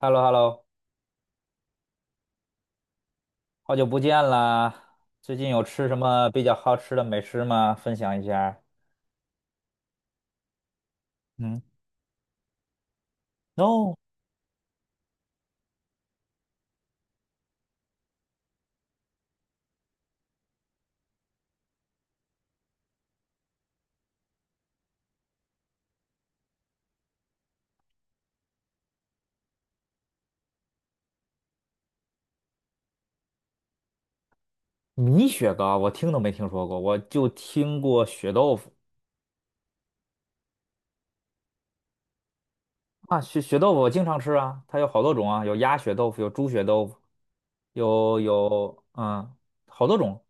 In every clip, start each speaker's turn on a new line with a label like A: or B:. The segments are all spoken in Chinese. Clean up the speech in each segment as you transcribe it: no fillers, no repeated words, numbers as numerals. A: h e l l o h e l l o 好久不见啦！最近有吃什么比较好吃的美食吗？分享一下。嗯，n o。 米雪糕我听都没听说过，我就听过血豆腐啊。血豆腐我经常吃啊，它有好多种啊，有鸭血豆腐，有猪血豆腐，有有嗯，好多种。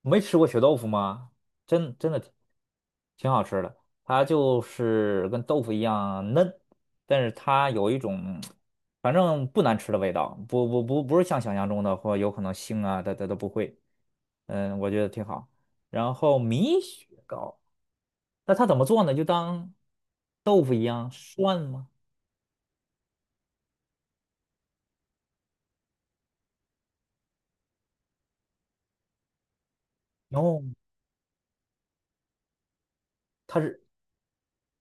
A: 没吃过血豆腐吗？真的挺好吃的，它就是跟豆腐一样嫩，但是它有一种反正不难吃的味道，不是像想象中的或有可能腥啊，它都不会。我觉得挺好。然后米雪糕，那它怎么做呢？就当豆腐一样涮吗？哦，它是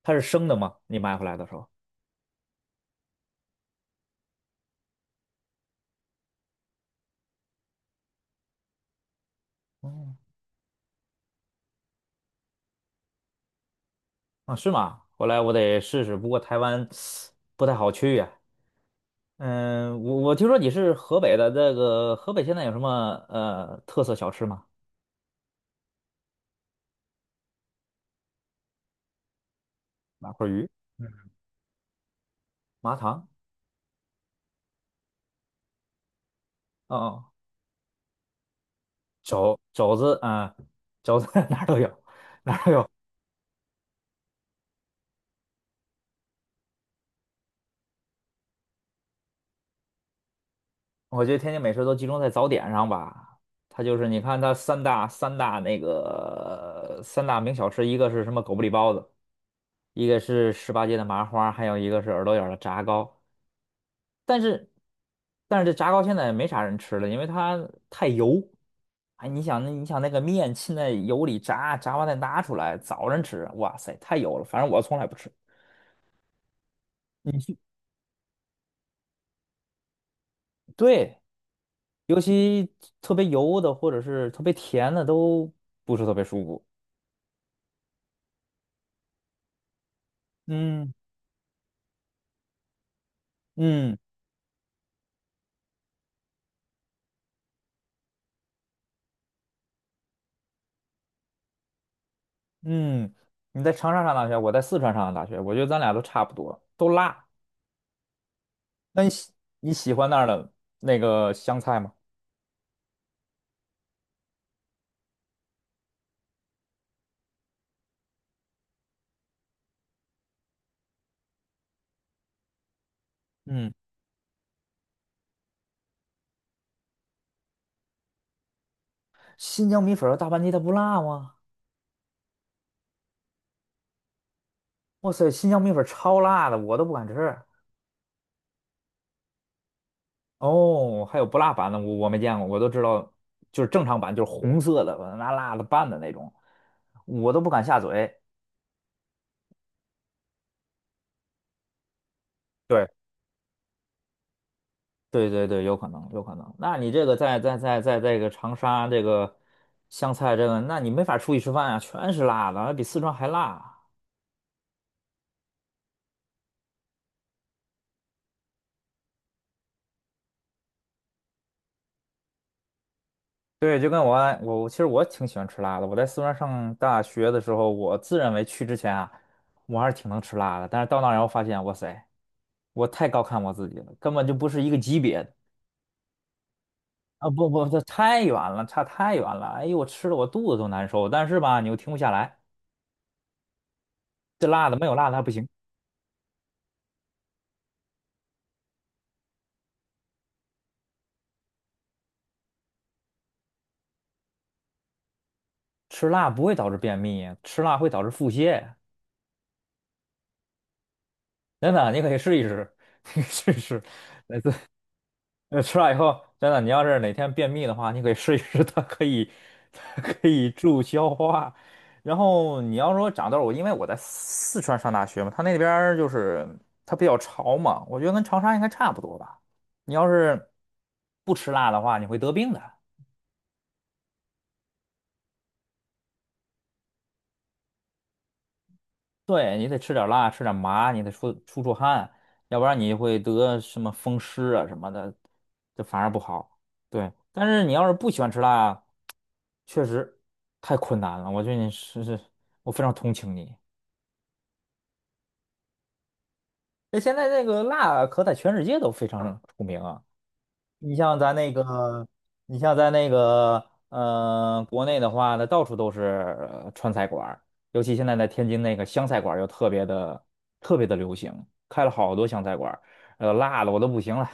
A: 它是生的吗？你买回来的时候？哦，啊，是吗？回来我得试试，不过台湾不太好去呀。嗯，我听说你是河北的，这个河北现在有什么特色小吃吗？麻花鱼、嗯，麻糖，哦哦，肘子。肘子 哪儿都有。我觉得天津美食都集中在早点上吧，它就是你看它三大名小吃，一个是什么狗不理包子，一个是十八街的麻花，还有一个是耳朵眼儿的炸糕。但是但是这炸糕现在也没啥人吃了，因为它太油。哎，你想那个面浸在油里炸，炸完再拿出来，早晨吃，哇塞，太油了。反正我从来不吃。你去，对，尤其特别油的或者是特别甜的都不是特别舒服。嗯嗯嗯，你在长沙上大学，我在四川上的大学，我觉得咱俩都差不多，都辣。那你喜你喜欢那儿的那个香菜吗？嗯。新疆米粉和大盘鸡它不辣吗？哇塞，新疆米粉超辣的，我都不敢吃。哦，还有不辣版的，我没见过，我都知道，就是正常版，就是红色的，把它拿辣的拌的那种，我都不敢下嘴。对，对对对，有可能，有可能。那你这个在这个长沙这个湘菜这个，那你没法出去吃饭啊，全是辣的，还比四川还辣。对，就跟我爱我其实我挺喜欢吃辣的。我在四川上大学的时候，我自认为去之前啊，我还是挺能吃辣的。但是到那儿以后发现，哇塞，我太高看我自己了，根本就不是一个级别的。啊！不不，这太远了，差太远了。哎呦，我吃的我肚子都难受。但是吧，你又停不下来，这辣的没有辣的还不行。吃辣不会导致便秘，吃辣会导致腹泻。真的，你可以试一试，你可以试一试。吃了以后，真的，你要是哪天便秘的话，你可以试一试，它可以助消化。然后你要说长痘儿，因为我在四川上大学嘛，他那边儿就是它比较潮嘛，我觉得跟长沙应该差不多吧。你要是不吃辣的话，你会得病的。对，你得吃点辣，吃点麻，你得出汗，要不然你会得什么风湿啊什么的，这反而不好。对，但是你要是不喜欢吃辣。确实太困难了，我觉得你是是，我非常同情你。那现在那个辣可在全世界都非常出名啊，你像咱那个，你像咱那个，国内的话呢，到处都是川菜馆儿，尤其现在在天津那个湘菜馆儿又特别的流行，开了好多湘菜馆儿。辣的我都不行了，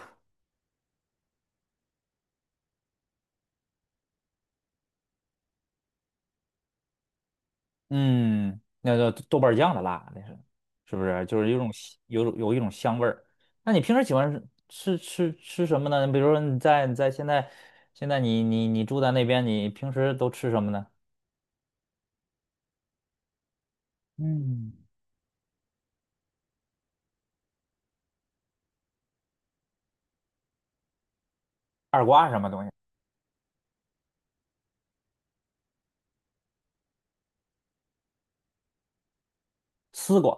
A: 嗯，那叫豆瓣酱的辣，那是，是不是？就是有种香有一种香味儿。那你平时喜欢吃什么呢？比如说你在现在你住在那边，你平时都吃什么呢？嗯，二瓜是什么东西？丝瓜、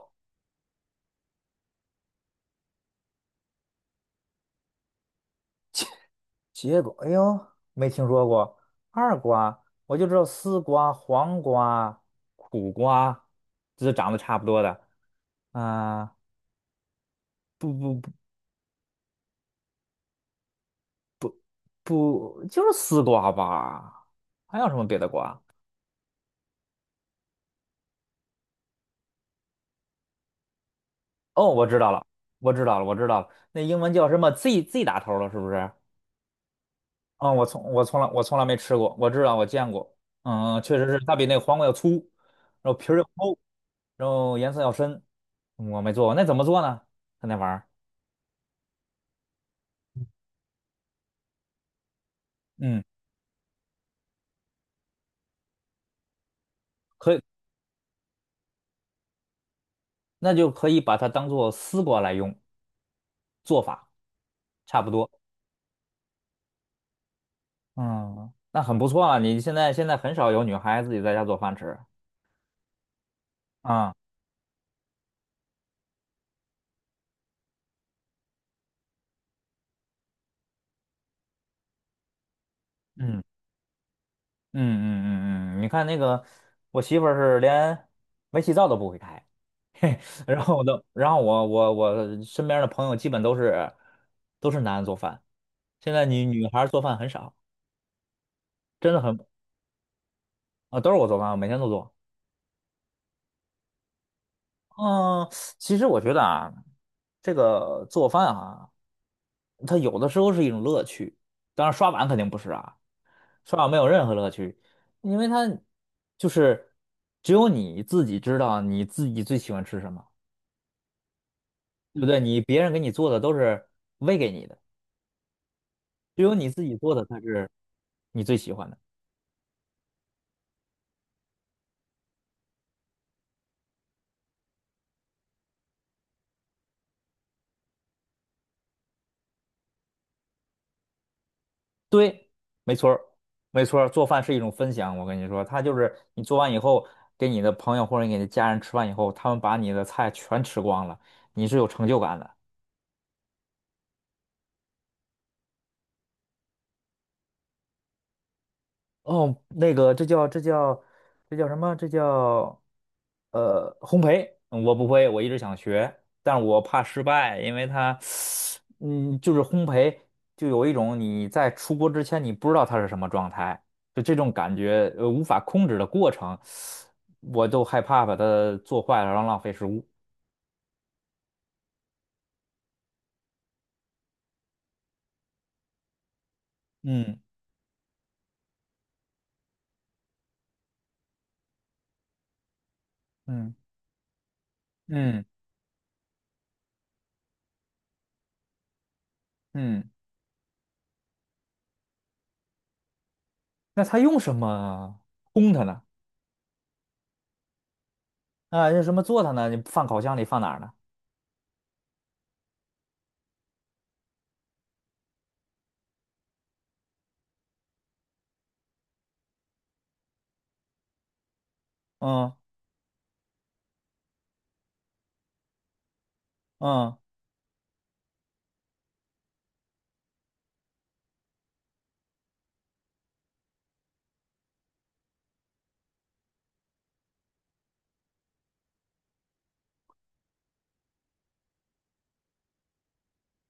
A: 结果，哎呦，没听说过二瓜，我就知道丝瓜、黄瓜、苦瓜，这是长得差不多的。啊、不不不。不，就是丝瓜吧？还有什么别的瓜？哦，我知道了，我知道了，我知道了，那英文叫什么？Z Z 打头了，是不是？嗯，我从来没吃过，我知道我见过。确实是，它比那个黄瓜要粗，然后皮儿要厚，然后颜色要深。我没做过，那怎么做呢？它那玩意儿，嗯，可以，那就可以把它当做丝瓜来用，做法差不多。嗯，那很不错啊，你现在很少有女孩自己在家做饭吃啊。嗯嗯，你看那个，我媳妇儿是连煤气灶都不会开，嘿，然后我都，然后我身边的朋友基本都是男的做饭，现在女孩儿做饭很少，真的很啊，都是我做饭，我每天都做。嗯，其实我觉得啊，这个做饭啊，它有的时候是一种乐趣，当然刷碗肯定不是啊，刷碗没有任何乐趣，因为它就是只有你自己知道你自己最喜欢吃什么。对不对？你别人给你做的都是喂给你的，只有你自己做的才是你最喜欢的。对，没错儿，没错儿，做饭是一种分享。我跟你说，它就是你做完以后，给你的朋友或者你的家人吃完以后，他们把你的菜全吃光了，你是有成就感的。哦，那个，这叫什么？这叫烘焙。嗯我不会，我一直想学，但是我怕失败，因为它，就是烘焙，就有一种你在出锅之前你不知道它是什么状态，就这种感觉，无法控制的过程，我就害怕把它做坏了，然后浪费食物。嗯嗯嗯嗯，那它用什么烘它呢？啊，用什么做它呢？你放烤箱里放哪儿呢？嗯嗯。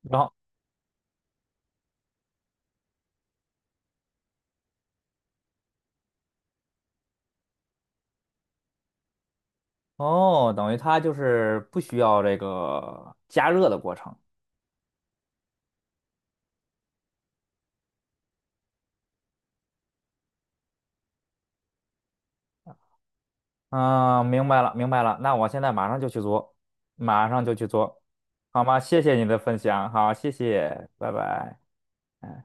A: 然后。哦，等于它就是不需要这个加热的过程。嗯，明白了，明白了。那我现在马上就去做，马上就去做，好吗？谢谢你的分享，好，谢谢，拜拜。嗯。